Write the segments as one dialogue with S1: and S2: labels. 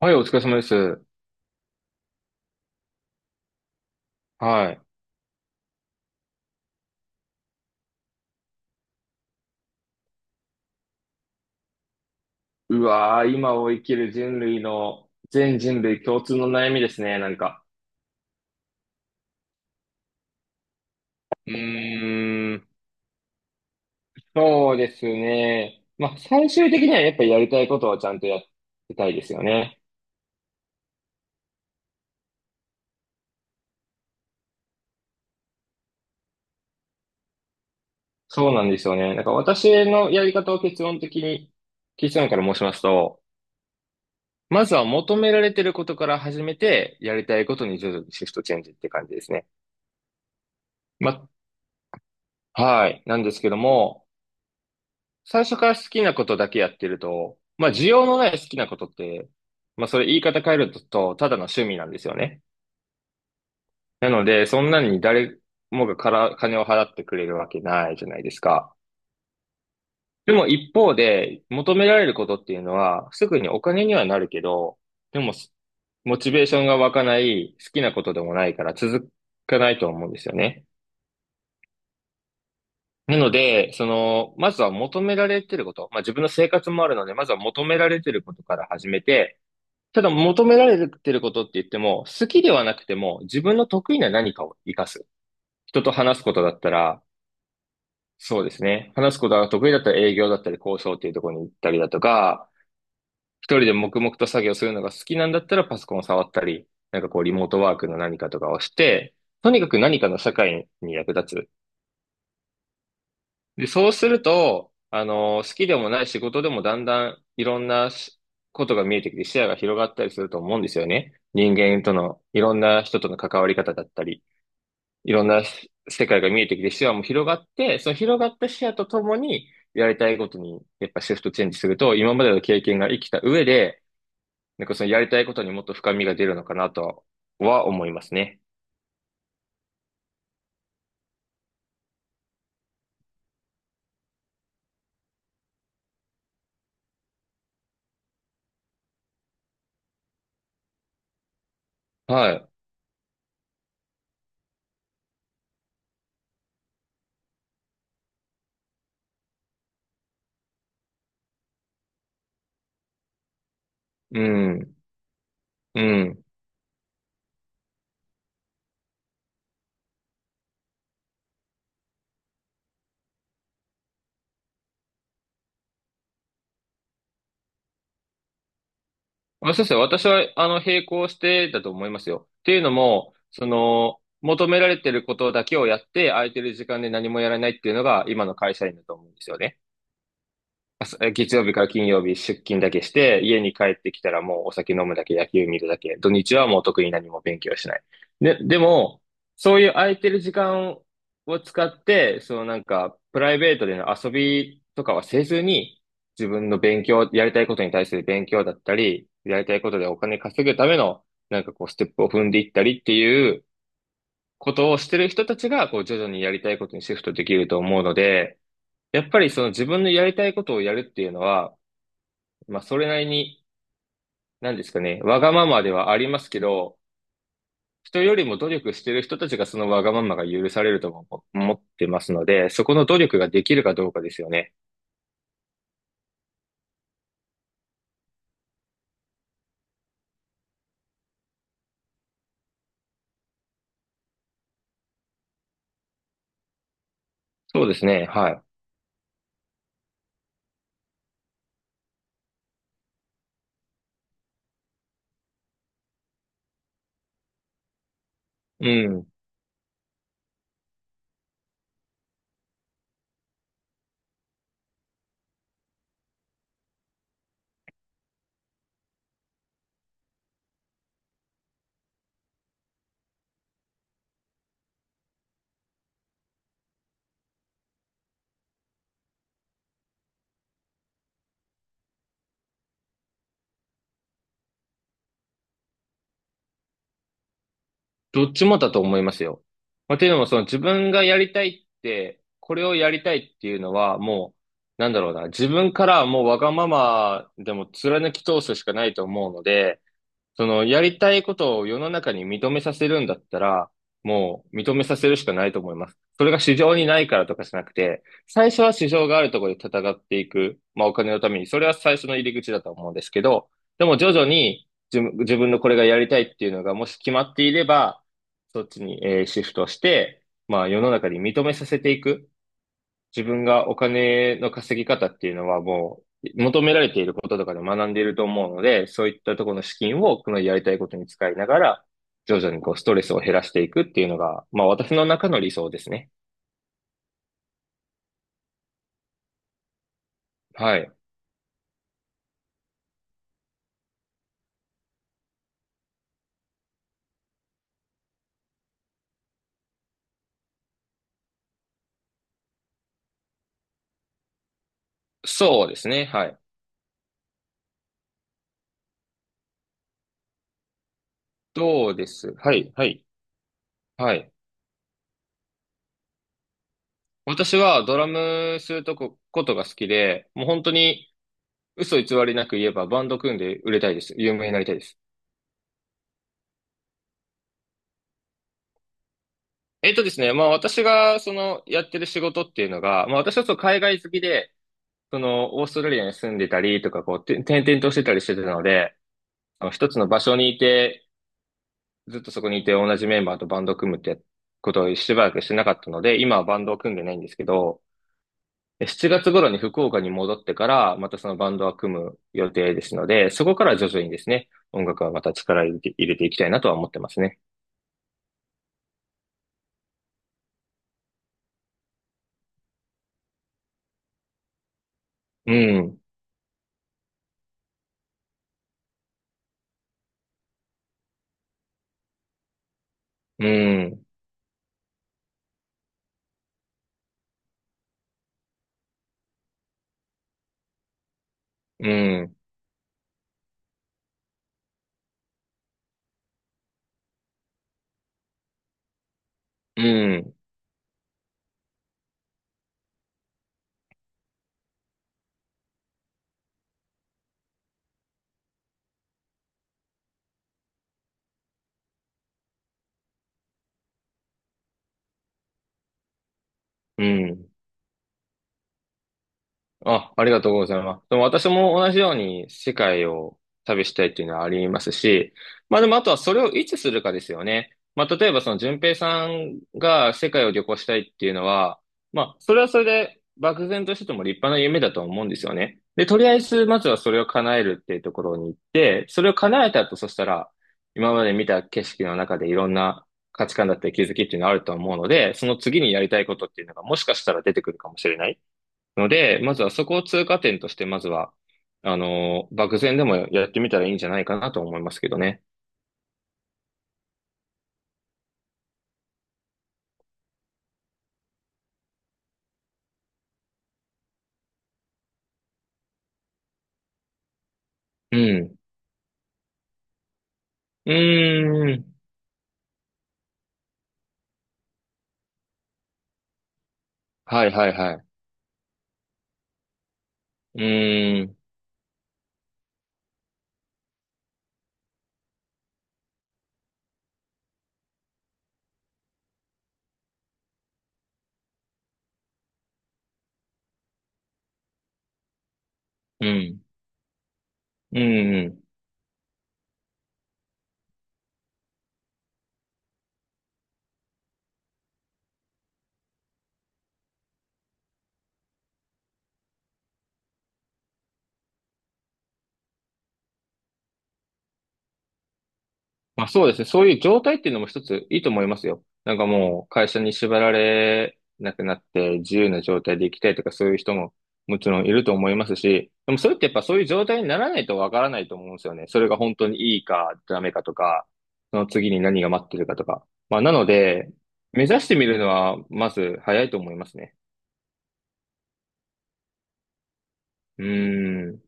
S1: はい、お疲れ様です。はい。うわー、今を生きる人類の、全人類共通の悩みですね、なんか。うーん、そうですね。まあ、最終的にはやっぱりやりたいことはちゃんとやってたいですよね。そうなんですよね。なんか私のやり方を結論的に、結論から申しますと、まずは求められてることから始めて、やりたいことに徐々にシフトチェンジって感じですね。ま、はい。なんですけども、最初から好きなことだけやってると、まあ需要のない好きなことって、まあそれ言い方変えると、ただの趣味なんですよね。なので、そんなに誰もがから金を払ってくれるわけないじゃないですか。でも一方で、求められることっていうのは、すぐにお金にはなるけど、でも、モチベーションが湧かない、好きなことでもないから続かないと思うんですよね。なので、まずは求められてること、まあ自分の生活もあるので、まずは求められてることから始めて、ただ求められてることって言っても、好きではなくても、自分の得意な何かを活かす。人と話すことだったら、そうですね。話すことが得意だったら営業だったり交渉っていうところに行ったりだとか、一人で黙々と作業するのが好きなんだったらパソコンを触ったり、なんかこうリモートワークの何かとかをして、とにかく何かの社会に役立つ。で、そうすると、好きでもない仕事でもだんだんいろんなことが見えてきて視野が広がったりすると思うんですよね。人間との、いろんな人との関わり方だったり、いろんな世界が見えてきて視野も広がって、その広がった視野とともに、やりたいことに、やっぱシフトチェンジすると、今までの経験が生きた上で、なんかそのやりたいことにもっと深みが出るのかなとは思いますね。はい。うん。うん。まあそうですね。私は、並行してだと思いますよ。っていうのも、求められてることだけをやって、空いてる時間で何もやらないっていうのが、今の会社員だと思うんですよね。朝月曜日から金曜日出勤だけして、家に帰ってきたらもうお酒飲むだけ、野球見るだけ、土日はもう特に何も勉強しない。で、でも、そういう空いてる時間を使って、そのなんか、プライベートでの遊びとかはせずに、自分の勉強、やりたいことに対する勉強だったり、やりたいことでお金稼ぐための、なんかこう、ステップを踏んでいったりっていうことをしてる人たちが、こう、徐々にやりたいことにシフトできると思うので、やっぱりその自分のやりたいことをやるっていうのは、まあ、それなりに、なんですかね、わがままではありますけど、人よりも努力してる人たちがそのわがままが許されるとも思ってますので、そこの努力ができるかどうかですよね。そうですね、はい。うん。どっちもだと思いますよ。まあ、というのも、その自分がやりたいって、これをやりたいっていうのは、もう、なんだろうな、自分からはもうわがままでも貫き通すしかないと思うので、やりたいことを世の中に認めさせるんだったら、もう認めさせるしかないと思います。それが市場にないからとかじゃなくて、最初は市場があるところで戦っていく、まあお金のために、それは最初の入り口だと思うんですけど、でも徐々に自分のこれがやりたいっていうのがもし決まっていれば、そっちに、シフトして、まあ世の中に認めさせていく。自分がお金の稼ぎ方っていうのはもう求められていることとかで学んでいると思うので、そういったところの資金をこのやりたいことに使いながら、徐々にこうストレスを減らしていくっていうのが、まあ私の中の理想ですね。はい。そうですね。はい。どうですはい、はい、はい。私はドラムするとこ、ことが好きで、もう本当に嘘偽りなく言えばバンド組んで売れたいです。有名になりたいです。まあ私がそのやってる仕事っていうのが、まあ私はそう海外好きで、オーストラリアに住んでたりとか、転々としてたりしてたので、一つの場所にいて、ずっとそこにいて同じメンバーとバンドを組むってことをしばらくしてなかったので、今はバンドを組んでないんですけど、7月頃に福岡に戻ってから、またそのバンドは組む予定ですので、そこから徐々にですね、音楽はまた力入れて、入れていきたいなとは思ってますね。うん、うん、うん、うん、うん。あ、ありがとうございます。でも私も同じように世界を旅したいっていうのはありますし、まあでもあとはそれをいつするかですよね。まあ例えばその順平さんが世界を旅行したいっていうのは、まあそれはそれで漠然としてても立派な夢だと思うんですよね。で、とりあえずまずはそれを叶えるっていうところに行って、それを叶えた後、そしたら今まで見た景色の中でいろんな価値観だったり気づきっていうのがあると思うので、その次にやりたいことっていうのがもしかしたら出てくるかもしれない。ので、まずはそこを通過点として、まずは、漠然でもやってみたらいいんじゃないかなと思いますけどね。うん。うーん。はいはいはい。うーん。うん。うん。まあそうですね。そういう状態っていうのも一ついいと思いますよ。なんかもう会社に縛られなくなって自由な状態で行きたいとかそういう人ももちろんいると思いますし、でもそれってやっぱそういう状態にならないとわからないと思うんですよね。それが本当にいいかダメかとか、その次に何が待ってるかとか。まあなので、目指してみるのはまず早いと思いますね。うーん。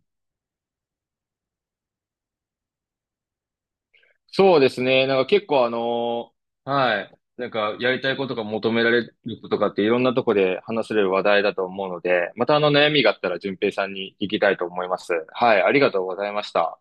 S1: そうですね。なんか結構あのーはい。なんかやりたいことが求められることとかっていろんなとこで話せる話題だと思うので、またあの悩みがあったら順平さんに聞きたいと思います。はい。ありがとうございました。